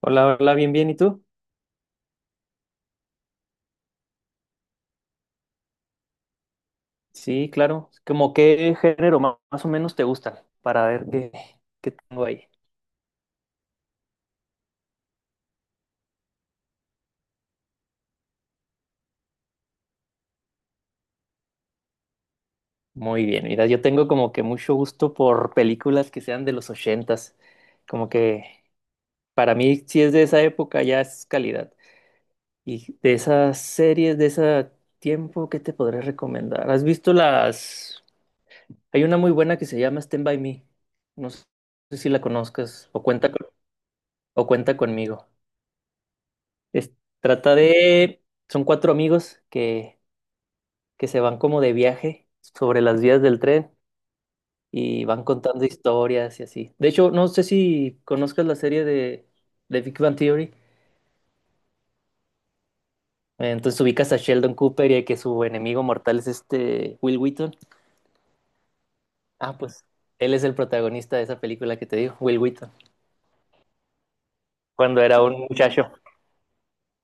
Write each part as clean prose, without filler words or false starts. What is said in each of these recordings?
Hola, hola, bien, bien. ¿Y tú? Sí, claro. Como qué género más o menos te gusta para ver qué tengo ahí. Muy bien. Mira, yo tengo como que mucho gusto por películas que sean de los 80. Como que para mí, si es de esa época, ya es calidad. Y de esas series, de ese tiempo, ¿qué te podré recomendar? ¿Has visto las? Hay una muy buena que se llama Stand By Me. No sé si la conozcas o cuenta, o cuenta conmigo. Es- trata de, son cuatro amigos que se van como de viaje sobre las vías del tren y van contando historias y así. De hecho, no sé si conozcas la serie de Big Bang Theory. Entonces ubicas a Sheldon Cooper y a que su enemigo mortal es este Will Wheaton. Ah, pues él es el protagonista de esa película que te digo, Will Wheaton, cuando era un muchacho.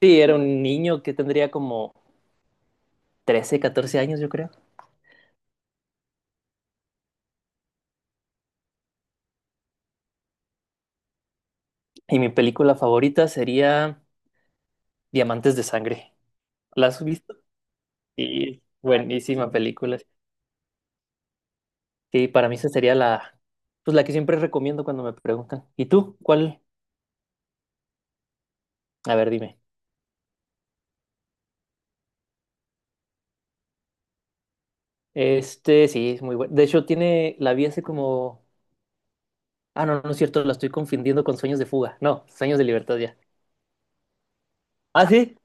Sí, era un niño que tendría como 13, 14 años, yo creo. Y mi película favorita sería Diamantes de Sangre. ¿La has visto? Sí, buenísima película. Sí, para mí esa sería pues la que siempre recomiendo cuando me preguntan. ¿Y tú? ¿Cuál? A ver, dime. Este, sí, es muy bueno. De hecho, la vi hace como, ah, no, no es cierto, la estoy confundiendo con Sueños de Fuga. No, Sueños de Libertad ya. ¿Ah, sí?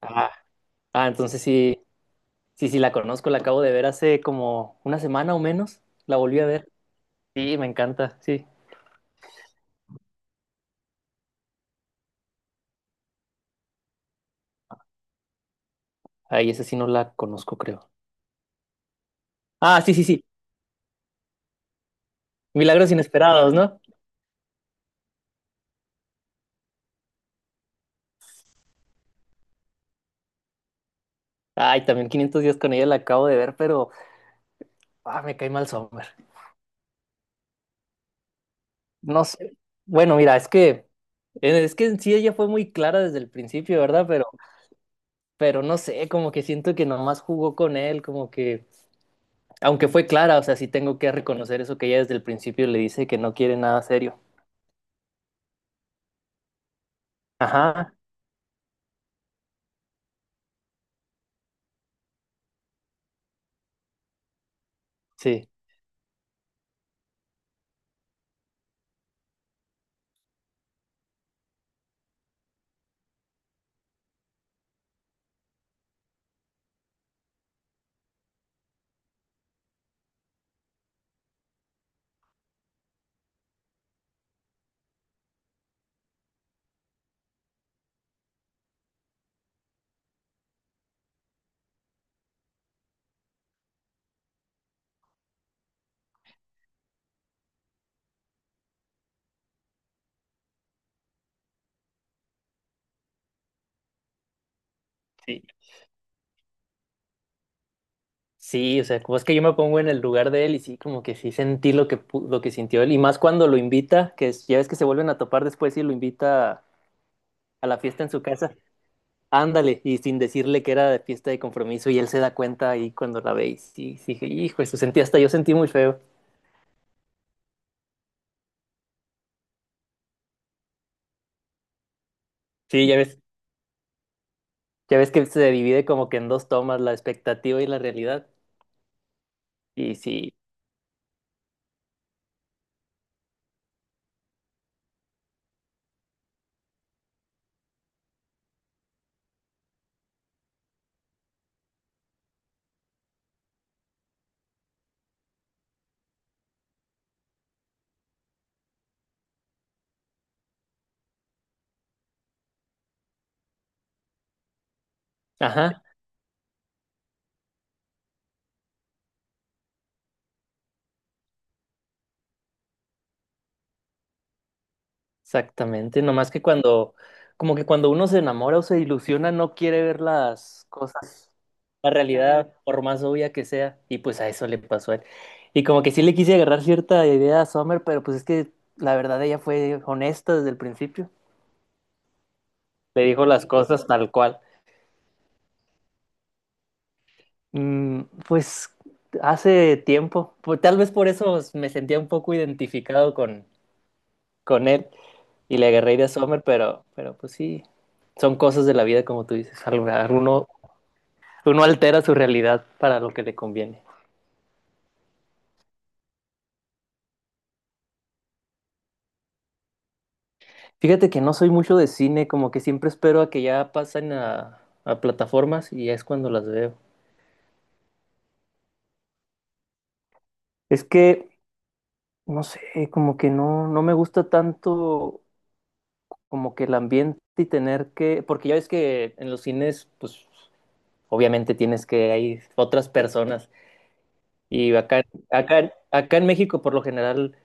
Ah, ah, entonces sí, sí, sí, la conozco, la acabo de ver hace como una semana o menos. La volví a ver. Sí, me encanta, sí. Ay, esa sí no la conozco, creo. Ah, sí, sí, sí. Milagros inesperados, ¿no? Ay, también 500 días con ella la acabo de ver, pero ah, me cae mal Sommer. No sé. Bueno, mira, es que en sí ella fue muy clara desde el principio, ¿verdad? Pero no sé, como que siento que nomás jugó con él, como que aunque fue clara, o sea, sí tengo que reconocer eso que ella desde el principio le dice que no quiere nada serio. Ajá. Sí. Sí. Sí, o sea, como es que yo me pongo en el lugar de él y sí, como que sí sentí lo que lo que sintió él y más cuando lo invita, que ya ves que se vuelven a topar después y lo invita a la fiesta en su casa. Ándale, y sin decirle que era de fiesta de compromiso, y él se da cuenta ahí cuando la ve, y sí, sí, dije, hijo, eso sentí hasta yo sentí muy feo. Sí, ya ves que se divide como que en dos tomas, la expectativa y la realidad. Y sí, ajá, exactamente. Nomás que como que cuando uno se enamora o se ilusiona, no quiere ver las cosas, la realidad, por más obvia que sea, y pues a eso le pasó a él. Y como que sí le quise agarrar cierta idea a Summer, pero pues es que la verdad ella fue honesta desde el principio. Le dijo las cosas tal cual. Pues hace tiempo, tal vez por eso me sentía un poco identificado con él y le agarré de Sommer, pero pues sí, son cosas de la vida como tú dices, uno, uno, altera su realidad para lo que le conviene. Fíjate que no soy mucho de cine, como que siempre espero a que ya pasen a plataformas y es cuando las veo. Es que, no sé, como que no, no me gusta tanto como que el ambiente y tener que, porque ya ves que en los cines, pues obviamente hay otras personas y acá en México por lo general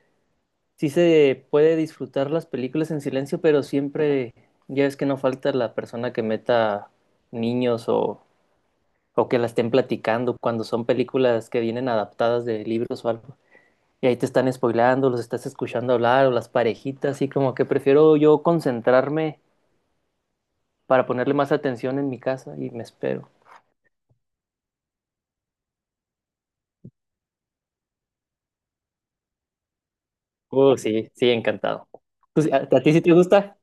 sí se puede disfrutar las películas en silencio, pero siempre ya ves que no falta la persona que meta niños o que la estén platicando cuando son películas que vienen adaptadas de libros o algo. Y ahí te están spoileando, los estás escuchando hablar o las parejitas, y como que prefiero yo concentrarme para ponerle más atención en mi casa y me espero. Sí, sí, encantado. Pues, ¿a ti sí te gusta?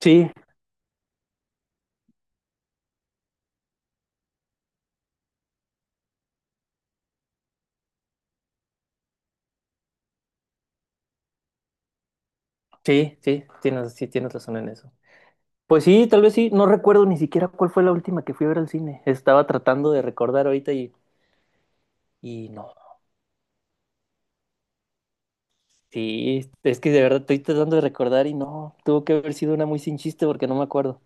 Sí, sí, sí, sí, tienes razón en eso. Pues sí, tal vez sí, no recuerdo ni siquiera cuál fue la última que fui a ver al cine. Estaba tratando de recordar ahorita y no. Sí, es que de verdad estoy tratando de recordar y no, tuvo que haber sido una muy sin chiste porque no me acuerdo.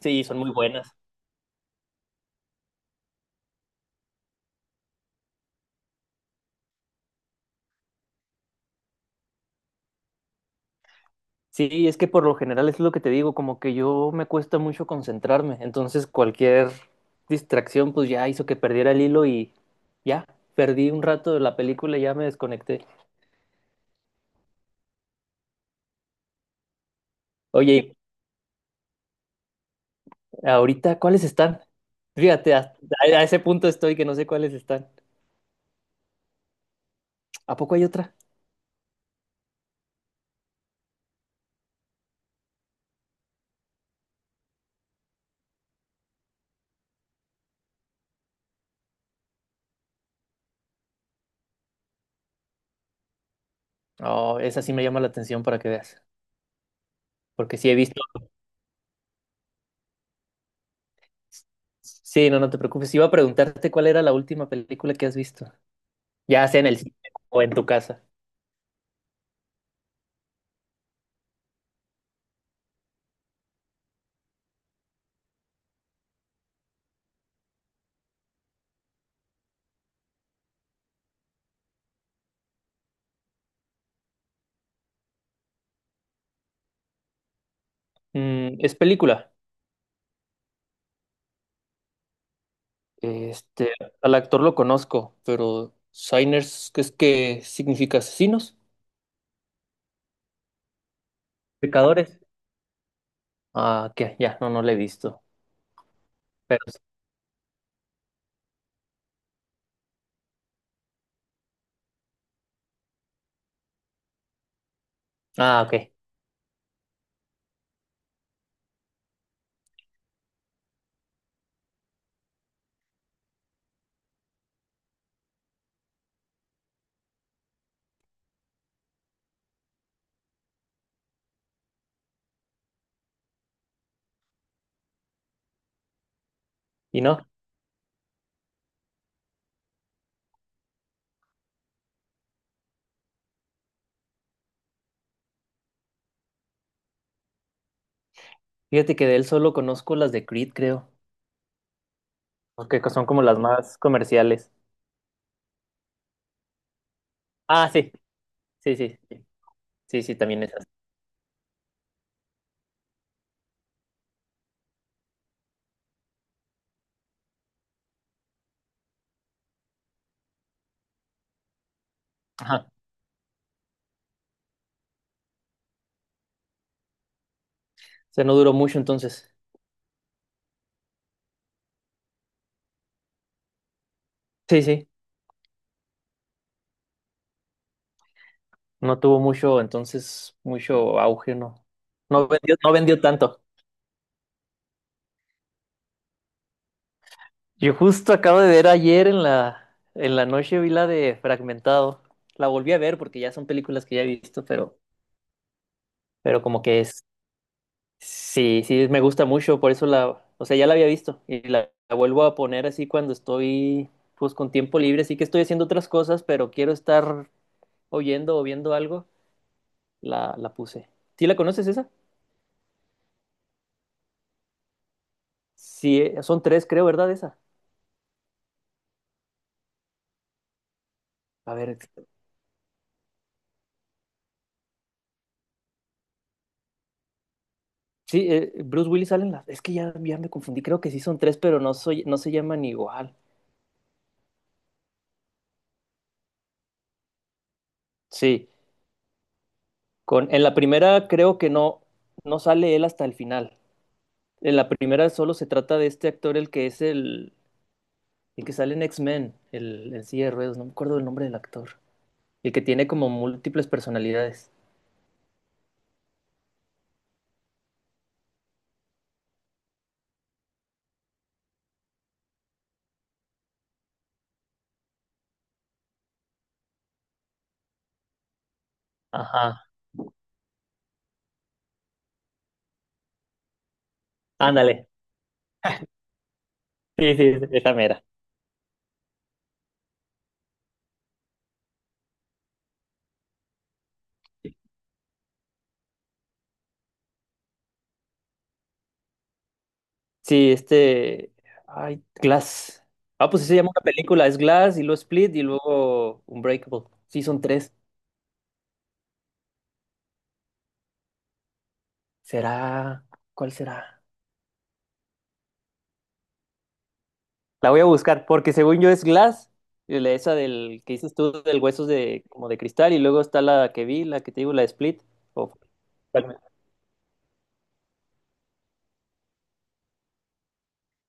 Sí, son muy buenas. Sí, es que por lo general es lo que te digo, como que yo me cuesta mucho concentrarme, entonces cualquier distracción pues ya hizo que perdiera el hilo y ya, perdí un rato de la película y ya me desconecté. Oye, y ahorita, ¿cuáles están? Fíjate, a ese punto estoy que no sé cuáles están. ¿A poco hay otra? Oh, esa sí me llama la atención para que veas, porque sí he visto. Sí, no, no te preocupes, iba a preguntarte cuál era la última película que has visto, ya sea en el cine o en tu casa. ¿Es película? Este, al actor lo conozco, pero Shiners, ¿qué es que significa asesinos? Pecadores. Ah, que ya, no, no lo he visto. Pero, sí. Ah, ok. Y no, fíjate que de él solo conozco las de Creed, creo, porque son como las más comerciales. Ah, sí, sí, sí, sí, sí, sí, también esas. Ajá. O sea, no duró mucho entonces. Sí, sí, no tuvo mucho, entonces, mucho auge, no. No vendió, no vendió tanto. Yo justo acabo de ver ayer en la, noche vi la de Fragmentado. La volví a ver porque ya son películas que ya he visto, pero como que es, sí, sí, me gusta mucho, por eso o sea, ya la había visto y la vuelvo a poner así cuando estoy, pues con tiempo libre, así que estoy haciendo otras cosas, pero quiero estar oyendo o viendo algo, la puse. ¿Sí la conoces esa? Sí, son tres, creo, ¿verdad? Esa. A ver, sí, Bruce Willis salen las, es que ya me confundí, creo que sí son tres, pero no se llaman igual. Sí, en la primera creo que no, no sale él hasta el final. En la primera solo se trata de este actor, el que es el que sale en X-Men, el silla de ruedas, no me acuerdo el nombre del actor. El que tiene como múltiples personalidades. Ajá, ándale. Sí, sí, sí, esa mera. Sí, este. Ay, Glass. Ah, pues sí se llama una película. Es Glass y luego Split y luego Unbreakable. Sí, son tres. ¿Será? ¿Cuál será? La voy a buscar, porque según yo es Glass, y esa del que dices tú, del huesos como de cristal, y luego está la que vi, la que te digo, la de Split. o-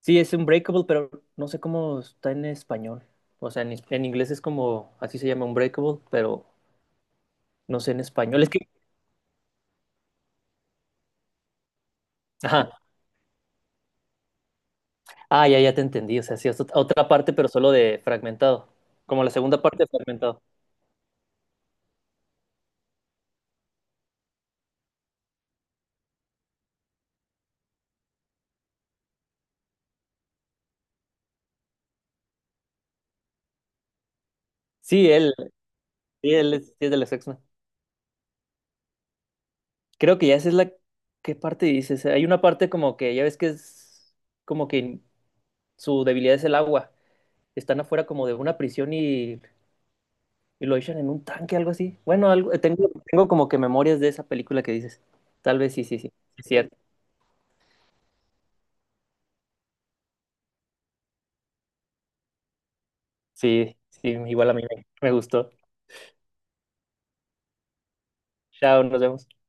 Sí, es Unbreakable, pero no sé cómo está en español. O sea, en inglés es como, así se llama Unbreakable, pero no sé en español. Es que, ajá, ah, ya te entendí. O sea, sí, es otra parte, pero solo de fragmentado. Como la segunda parte de fragmentado. Sí, él, sí, él es, sí es de los x. Creo que ya esa es la. ¿Qué parte dices? Hay una parte como que, ya ves que es como que su debilidad es el agua. Están afuera como de una prisión y lo echan en un tanque, algo así. Bueno, algo, tengo como que memorias de esa película que dices. Tal vez sí, sí, sí, sí, cierto. Sí, sí, igual a mí me gustó. Chao, nos vemos.